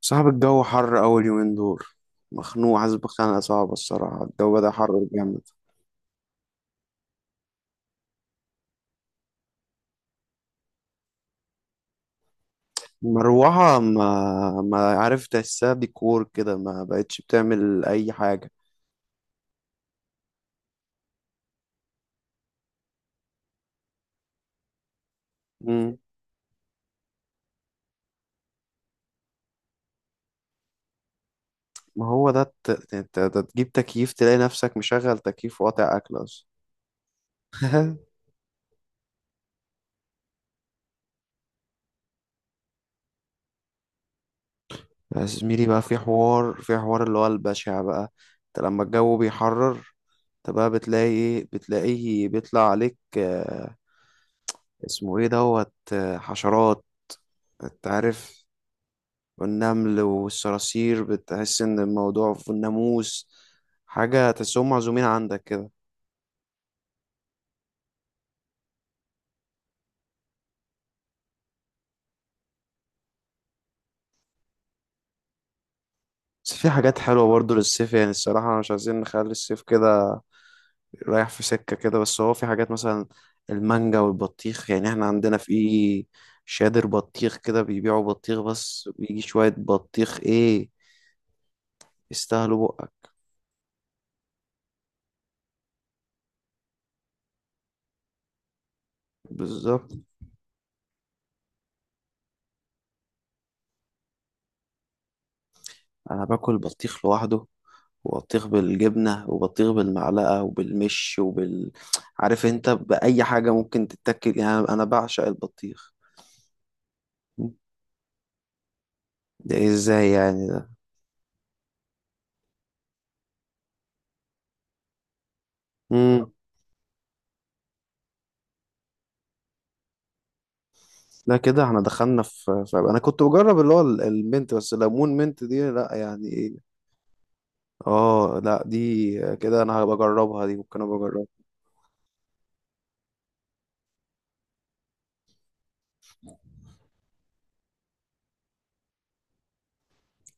صعب الجو حر أول يومين دول. مخنوق، حاسس بخنقة صعبة، الصراحة الجو بدأ حر جامد. مروحة ما عارف تحسها، ديكور كده، ما بقتش بتعمل أي حاجة. مم. ما هو ده ده تجيب تكييف تلاقي نفسك مشغل تكييف وقاطع أكل أصلا. يا زميلي بقى، في حوار اللي هو البشع بقى. انت لما الجو بيحرر، انت بقى بتلاقي ايه؟ بتلاقيه بيطلع عليك اسمه ايه دوت حشرات، انت عارف، والنمل والصراصير بتحس ان الموضوع في الناموس، حاجة تحسهم معزومين عندك كده. بس في حاجات حلوة برضو للصيف، يعني الصراحة مش عايزين نخلي الصيف كده رايح في سكة كده. بس هو في حاجات مثلا المانجا والبطيخ، يعني احنا عندنا في شادر بطيخ كده بيبيعوا بطيخ، بس بيجي شوية بطيخ ايه يستاهلوا بقك، بالظبط. انا باكل بطيخ لوحده، وبطيخ بالجبنة، وبطيخ بالمعلقة، وبالمش، وبال، عارف انت بأي حاجة ممكن تتاكل، يعني أنا بعشق البطيخ. ده إيه؟ ازاي يعني ده؟ مم. لا كده احنا دخلنا في انا كنت بجرب اللي هو المنت، بس ليمون منت دي لا، يعني ايه؟ اه، لا دي كده انا هبقى اجربها دي، ممكن ابقى اجربها.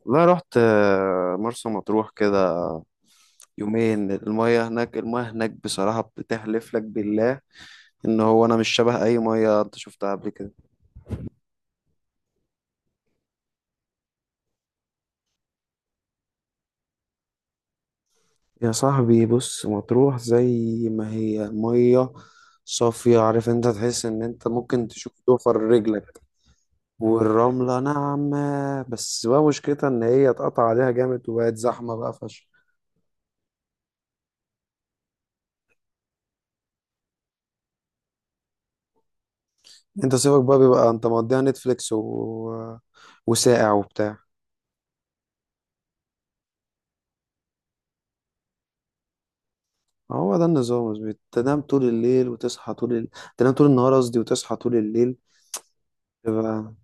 لا رحت مرسى مطروح كده. يومين، المية هناك، المية هناك بصراحة بتحلف لك بالله ان هو انا مش شبه اي مية انت شفتها قبل كده. يا صاحبي بص، مطروح زي ما هي مية صافية، عارف انت، تحس ان انت ممكن تشوف ضفر رجلك، والرملة ناعمة. بس بقى مشكلتها ان هي اتقطع عليها جامد وبقت زحمة بقى فشخ. انت صيفك بقى بيبقى انت مقضيها نتفليكس، و... وساقع وبتاع. هو ده النظام، بس بتنام طول الليل وتصحى طول تنام طول النهار قصدي، وتصحى طول الليل. تبقى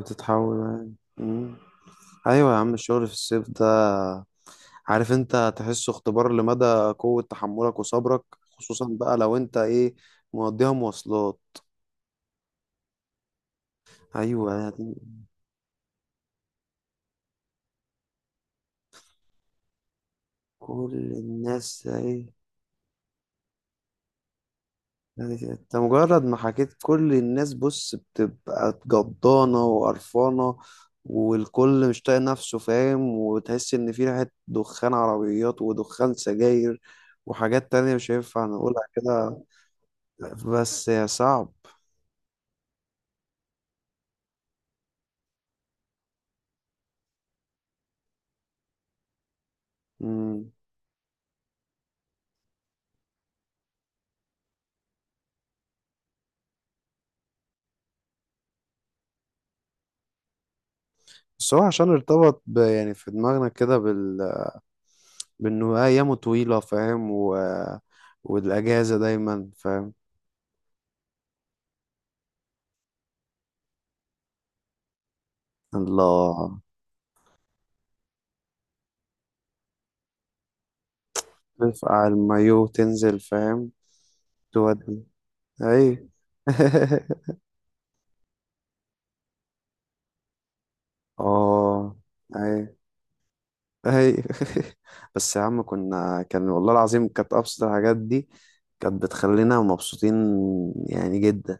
بتتحول يعني. مم. ايوه يا عم، الشغل في الصيف، عارف انت تحسه اختبار لمدى قوة تحملك وصبرك، خصوصا بقى لو انت ايه مقضيها مواصلات. ايوه. كل الناس ايه، انت مجرد ما حكيت كل الناس بص بتبقى جضانة وقرفانة، والكل مش طايق نفسه، فاهم، وتحس ان في ريحة دخان عربيات ودخان سجاير، وحاجات تانية مش هينفع نقولها كده. بس يا صعب. مم. بس هو عشان ارتبط يعني في دماغنا كده بأنه أيامه طويلة، فاهم، والأجازة دايما، فاهم. الله. ترفع المايو تنزل، فاهم، تودي أي. اه، أي، أي. بس يا عم كنا، والله العظيم كانت أبسط الحاجات دي كانت بتخلينا مبسوطين يعني جدا.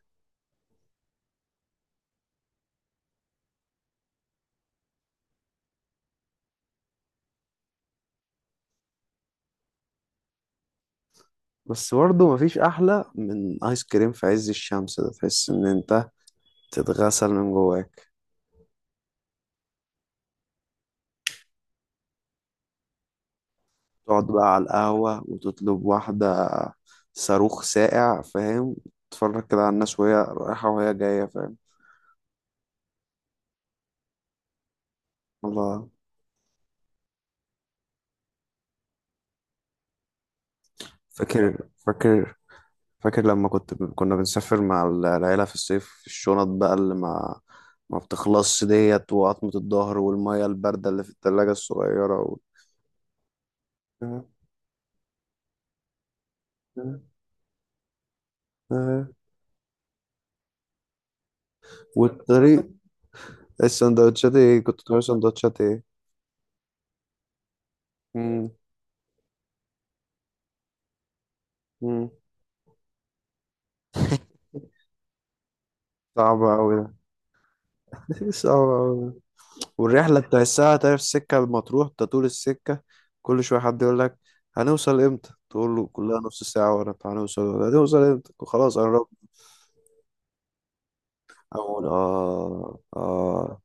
بس برضه مفيش أحلى من آيس كريم في عز الشمس، ده تحس إن أنت تتغسل من جواك. تقعد بقى على القهوة وتطلب واحدة صاروخ ساقع، فاهم، تتفرج كده على الناس وهي رايحة وهي جاية، فاهم. الله. فاكر، فاكر، فاكر لما كنا بنسافر مع العيلة في الصيف، الشنط بقى اللي ما بتخلصش ديت، وعظمة الظهر، والمية الباردة اللي في التلاجة الصغيرة. و... آه، آه، آه. والطريق. السندوتشات ايه؟ كنت بتعمل سندوتشات ايه؟ مم. مم. صعبة أوي. ده صعبة أوي. والرحلة تحسها، تعرف السكة المطروح، انت طول السكة كل شوية حد يقول لك هنوصل امتى؟ تقول له كلها نص ساعة ورا، طب هنوصل امتى؟ خلاص قربت. اقول اه، اه.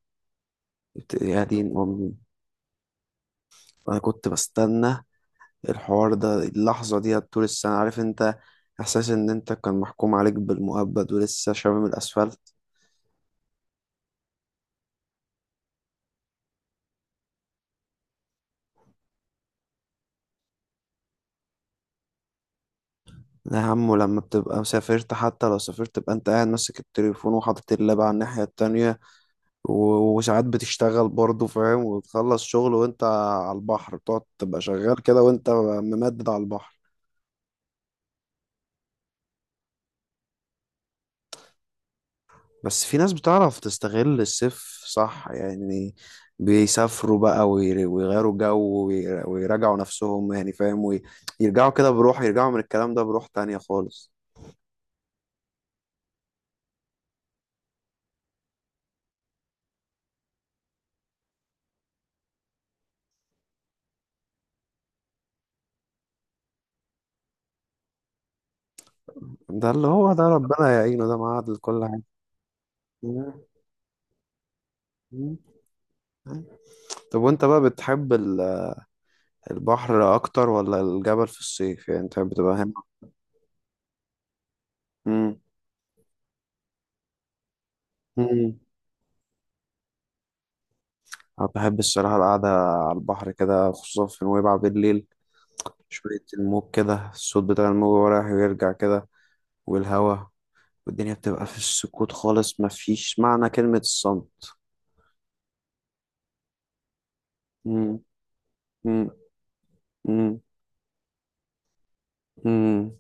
يا دين امي. انا كنت بستنى الحوار ده، اللحظة دي، طول السنة، عارف انت، احساس ان انت كان محكوم عليك بالمؤبد، ولسه شامم الاسفلت. ده يا عمو لما بتبقى مسافرت، حتى لو سافرت تبقى انت قاعد ماسك التليفون، وحاطط اللاب على الناحية التانية، وساعات بتشتغل برضه، فاهم، وتخلص شغل وانت على البحر، بتقعد تبقى شغال كده وانت ممدد على البحر. بس في ناس بتعرف تستغل الصيف، صح يعني، بيسافروا بقى ويغيروا جو، ويراجعوا نفسهم، يعني فاهم، يرجعوا كده بروح، يرجعوا من الكلام ده بروح تانية خالص. ده اللي هو ده ربنا يعينه، ده معاد لكل حاجة. مم. مم. طب وانت بقى بتحب البحر اكتر ولا الجبل؟ في الصيف يعني انت بتبقى هنا. مم. مم. أنا بحب الصراحة القعدة على البحر كده، خصوصا في نويبع بالليل، شوية الموج كده، الصوت بتاع الموج وهو رايح ويرجع كده، والهوا، والدنيا بتبقى في السكوت خالص، مفيش معنى كلمة الصمت. مم، مم، مم، مم.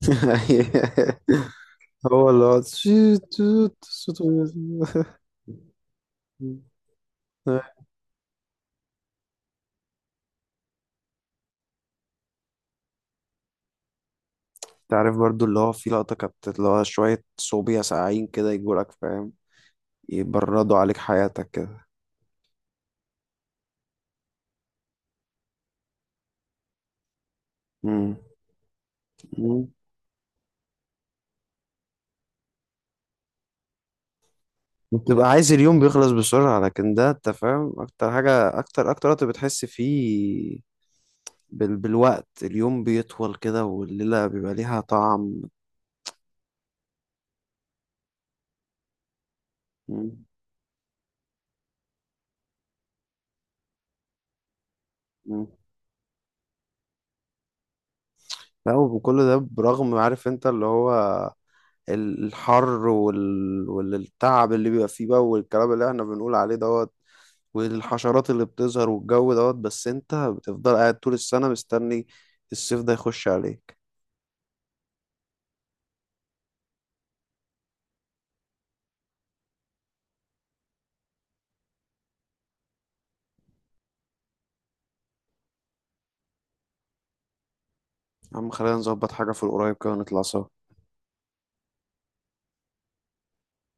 هو اللي هو مم. تعرف برضو اللي هو في لقطة كانت، اللي هو شوية صوبيا ساقعين كده يجولك، فاهم، يبردوا عليك حياتك كده. مم. بتبقى عايز اليوم بيخلص بسرعة، لكن ده انت فاهم اكتر حاجة، اكتر اكتر وقت بتحس فيه بالوقت، اليوم بيطول كده، والليلة بيبقى ليها طعم. مم. مم. لا، وكل ده برغم، عارف انت، اللي هو الحر والتعب اللي بيبقى فيه بقى، والكلام اللي احنا بنقول عليه دوت، والحشرات اللي بتظهر، والجو دوت، بس انت بتفضل قاعد طول السنة مستني الصيف ده يخش عليك. يا عم خلينا نظبط حاجة في القريب كده ونطلع سوا.